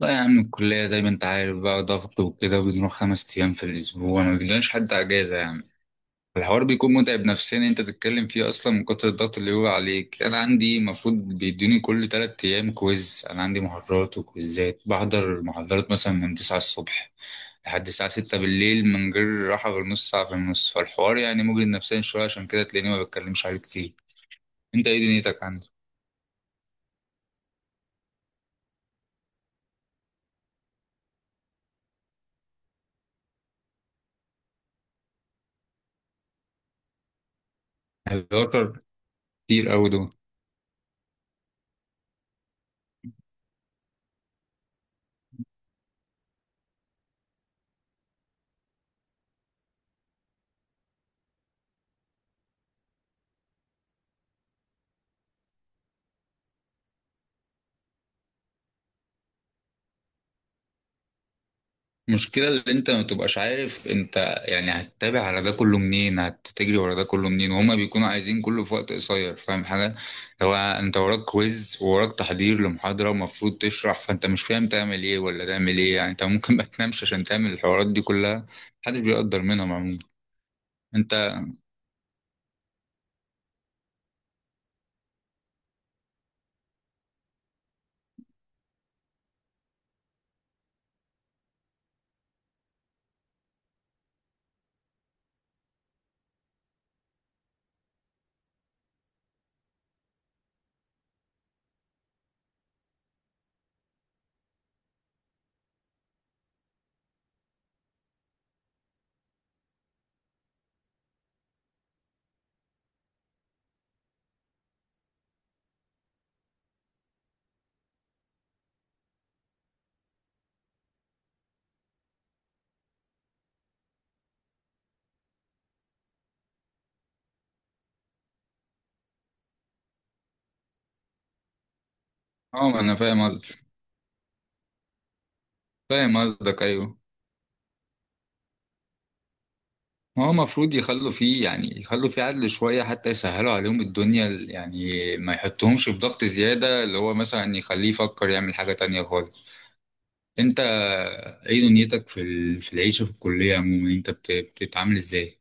لا يا عم، الكلية زي ما انت عارف بقى ضغط وكده، وبنروح 5 أيام في الأسبوع، ما بيجيلناش حتى أجازة يعني. الحوار بيكون متعب نفسيا، انت تتكلم فيه أصلا من كتر الضغط اللي هو عليك. أنا عندي المفروض بيدوني كل 3 أيام كويز. أنا عندي محاضرات وكويزات، بحضر محاضرات مثلا من 9 الصبح لحد الساعة 6 بالليل، من غير راحة غير نص ساعة في النص. فالحوار يعني مجهد نفسيا شوية، عشان كده تلاقيني ما بتكلمش عليه كتير. انت ايه دنيتك عندك؟ بيوتر. كتير أوي دول. المشكلة اللي انت ما بتبقاش عارف انت، يعني هتتابع على ده كله منين، هتجري ورا ده كله منين، وهما بيكونوا عايزين كله في وقت قصير، فاهم حاجة؟ هو انت وراك كويز ووراك تحضير لمحاضرة ومفروض تشرح، فانت مش فاهم تعمل ايه ولا تعمل ايه، يعني انت ممكن ما تنامش عشان تعمل الحوارات دي كلها. محدش بيقدر منهم عموما. انت. اه، ما انا فاهم قصدك، فاهم قصدك، ايوه. هو المفروض يخلوا فيه، يعني يخلوا فيه عدل شوية حتى يسهلوا عليهم الدنيا يعني، ما يحطهمش في ضغط زيادة اللي هو مثلا يخليه يفكر يعمل حاجة تانية خالص. انت ايه دنيتك في في العيشة في الكلية عموما، انت بتتعامل ازاي؟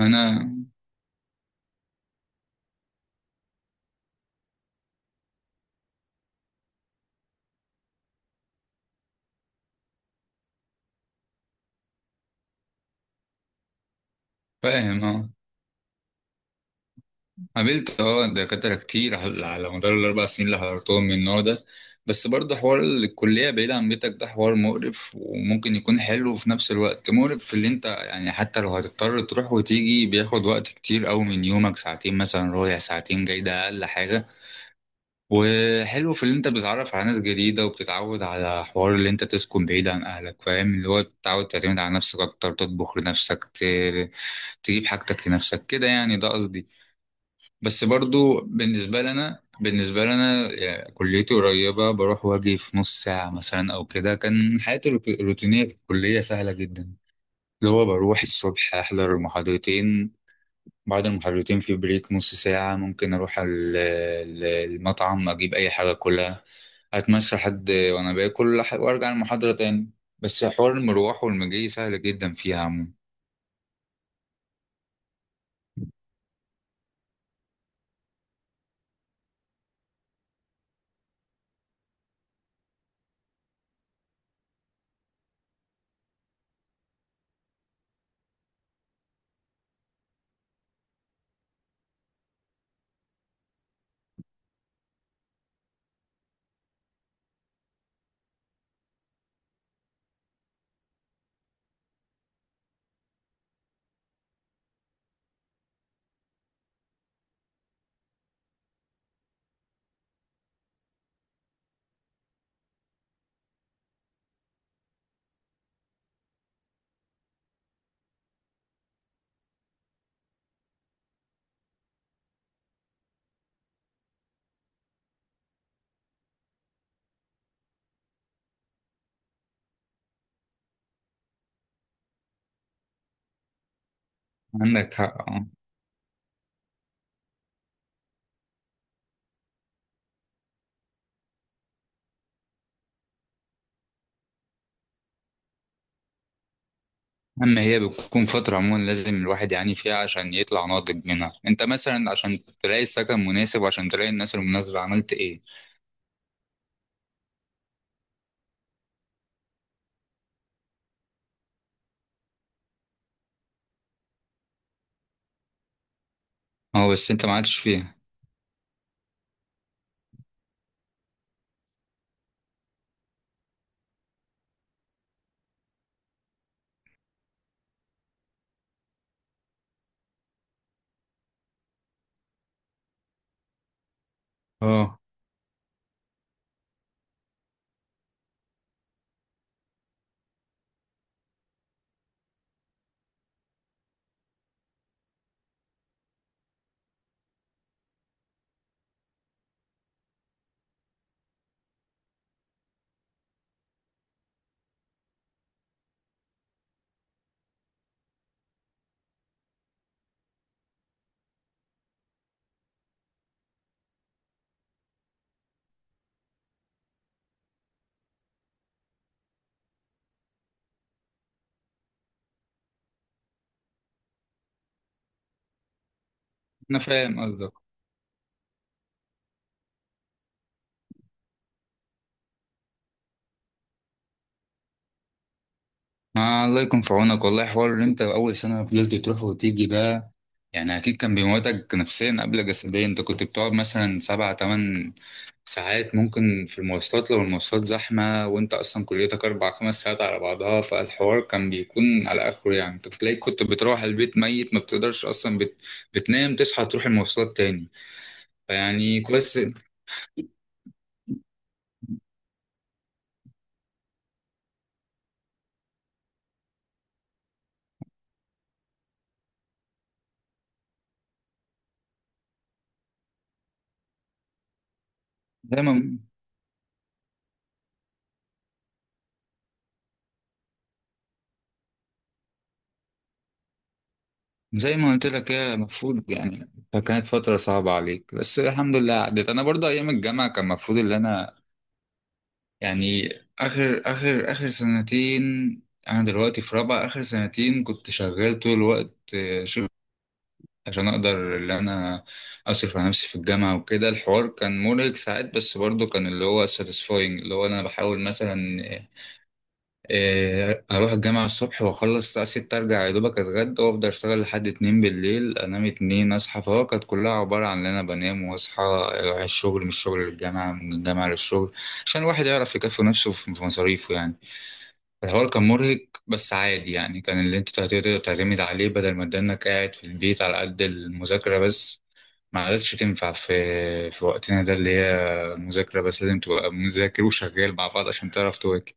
انا فاهم، اه. قابلت، اه، دكاترة كتير على مدار الأربع سنين اللي حضرتهم من النوع ده. بس برضه حوار الكلية بعيد عن بيتك، ده حوار مقرف وممكن يكون حلو وفي نفس الوقت مقرف. في اللي انت يعني حتى لو هتضطر تروح وتيجي، بياخد وقت كتير أوي من يومك، ساعتين مثلا رايح ساعتين جاي، ده أقل حاجة. وحلو في اللي انت بتتعرف على ناس جديدة، وبتتعود على حوار اللي انت تسكن بعيد عن أهلك، فاهم؟ اللي هو تتعود تعتمد على نفسك أكتر، تطبخ لنفسك، تجيب حاجتك لنفسك كده يعني، ده قصدي. بس برضو بالنسبة لنا، بالنسبة لنا يعني كليتي قريبة، بروح واجي في نص ساعة مثلا أو كده، كان حياتي الروتينية في الكلية سهلة جدا. اللي هو بروح الصبح أحضر المحاضرتين، بعد المحاضرتين في بريك نص ساعة، ممكن أروح المطعم أجيب أي حاجة كلها، أتمشى حد وأنا باكل وأرجع المحاضرة تاني. بس حوار المروح والمجي سهل جدا فيها عموما. عندك حق. أما هي بتكون فترة عموما لازم الواحد يعاني فيها عشان يطلع ناضج منها. انت مثلا عشان تلاقي سكن مناسب وعشان تلاقي الناس المناسبة عملت ايه؟ اه، بس انت ما عادش فيها. اه، انا فاهم قصدك. آه، الله يكون في عونك، والله حوار ان انت اول سنه فضلت تروح وتيجي ده، يعني اكيد كان بيموتك نفسيا قبل جسديا. انت كنت بتقعد مثلا سبع تمن ساعات ممكن في المواصلات لو المواصلات زحمه، وانت اصلا كليتك اربع خمس ساعات على بعضها، فالحوار كان بيكون على اخره يعني. انت بتلاقي كنت بتروح البيت ميت، ما بتقدرش اصلا بتنام تصحى تروح المواصلات تاني، فيعني كويس. دايما زي ما قلت لك، هي المفروض يعني، فكانت فترة صعبة عليك بس الحمد لله عدت. أنا برضه أيام الجامعة كان المفروض إن أنا يعني آخر سنتين، أنا دلوقتي في رابعة، آخر سنتين كنت شغال طول الوقت، شغل، عشان أقدر إن أنا أصرف على نفسي في الجامعة وكده. الحوار كان مرهق ساعات، بس برضه كان اللي هو ساتيسفاينج. اللي هو أنا بحاول مثلا، اروح الجامعة الصبح واخلص الساعة 6، ارجع يا دوبك اتغدى وافضل اشتغل لحد 2 بالليل، انام اتنين اصحى. فهو كانت كلها عبارة عن ان انا بنام واصحى، اروح الشغل، من الشغل للجامعة، من الجامعة للشغل، عشان الواحد يعرف يكفي نفسه في مصاريفه يعني. الحوار كان مرهق، بس عادي يعني، كان اللي انت تقدر تعتمد عليه بدل ما تدنك قاعد في البيت على قد المذاكرة بس. ما عادتش تنفع في وقتنا ده، اللي هي المذاكرة بس، لازم تبقى مذاكر وشغال مع بعض عشان تعرف تواكب.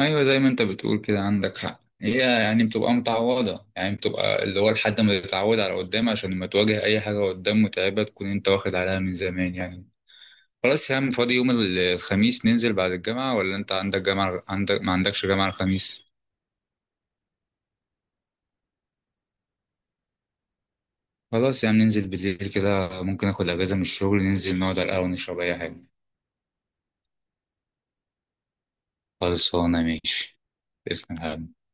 ايوه، زي ما انت بتقول كده، عندك حق، هي يعني بتبقى متعوضه، يعني بتبقى اللي هو لحد ما تتعود على قدام، عشان لما تواجه اي حاجه قدام متعبه تكون انت واخد عليها من زمان يعني. خلاص يا عم، فاضي يوم الخميس ننزل بعد الجامعه؟ ولا انت عندك جامعه، عندك ما عندكش جامعه الخميس؟ خلاص يا عم، ننزل بالليل كده، ممكن اخد اجازه من الشغل، ننزل نقعد على القهوه نشرب اي حاجه. خلصانه ماشي. تسلم يا حبيبي.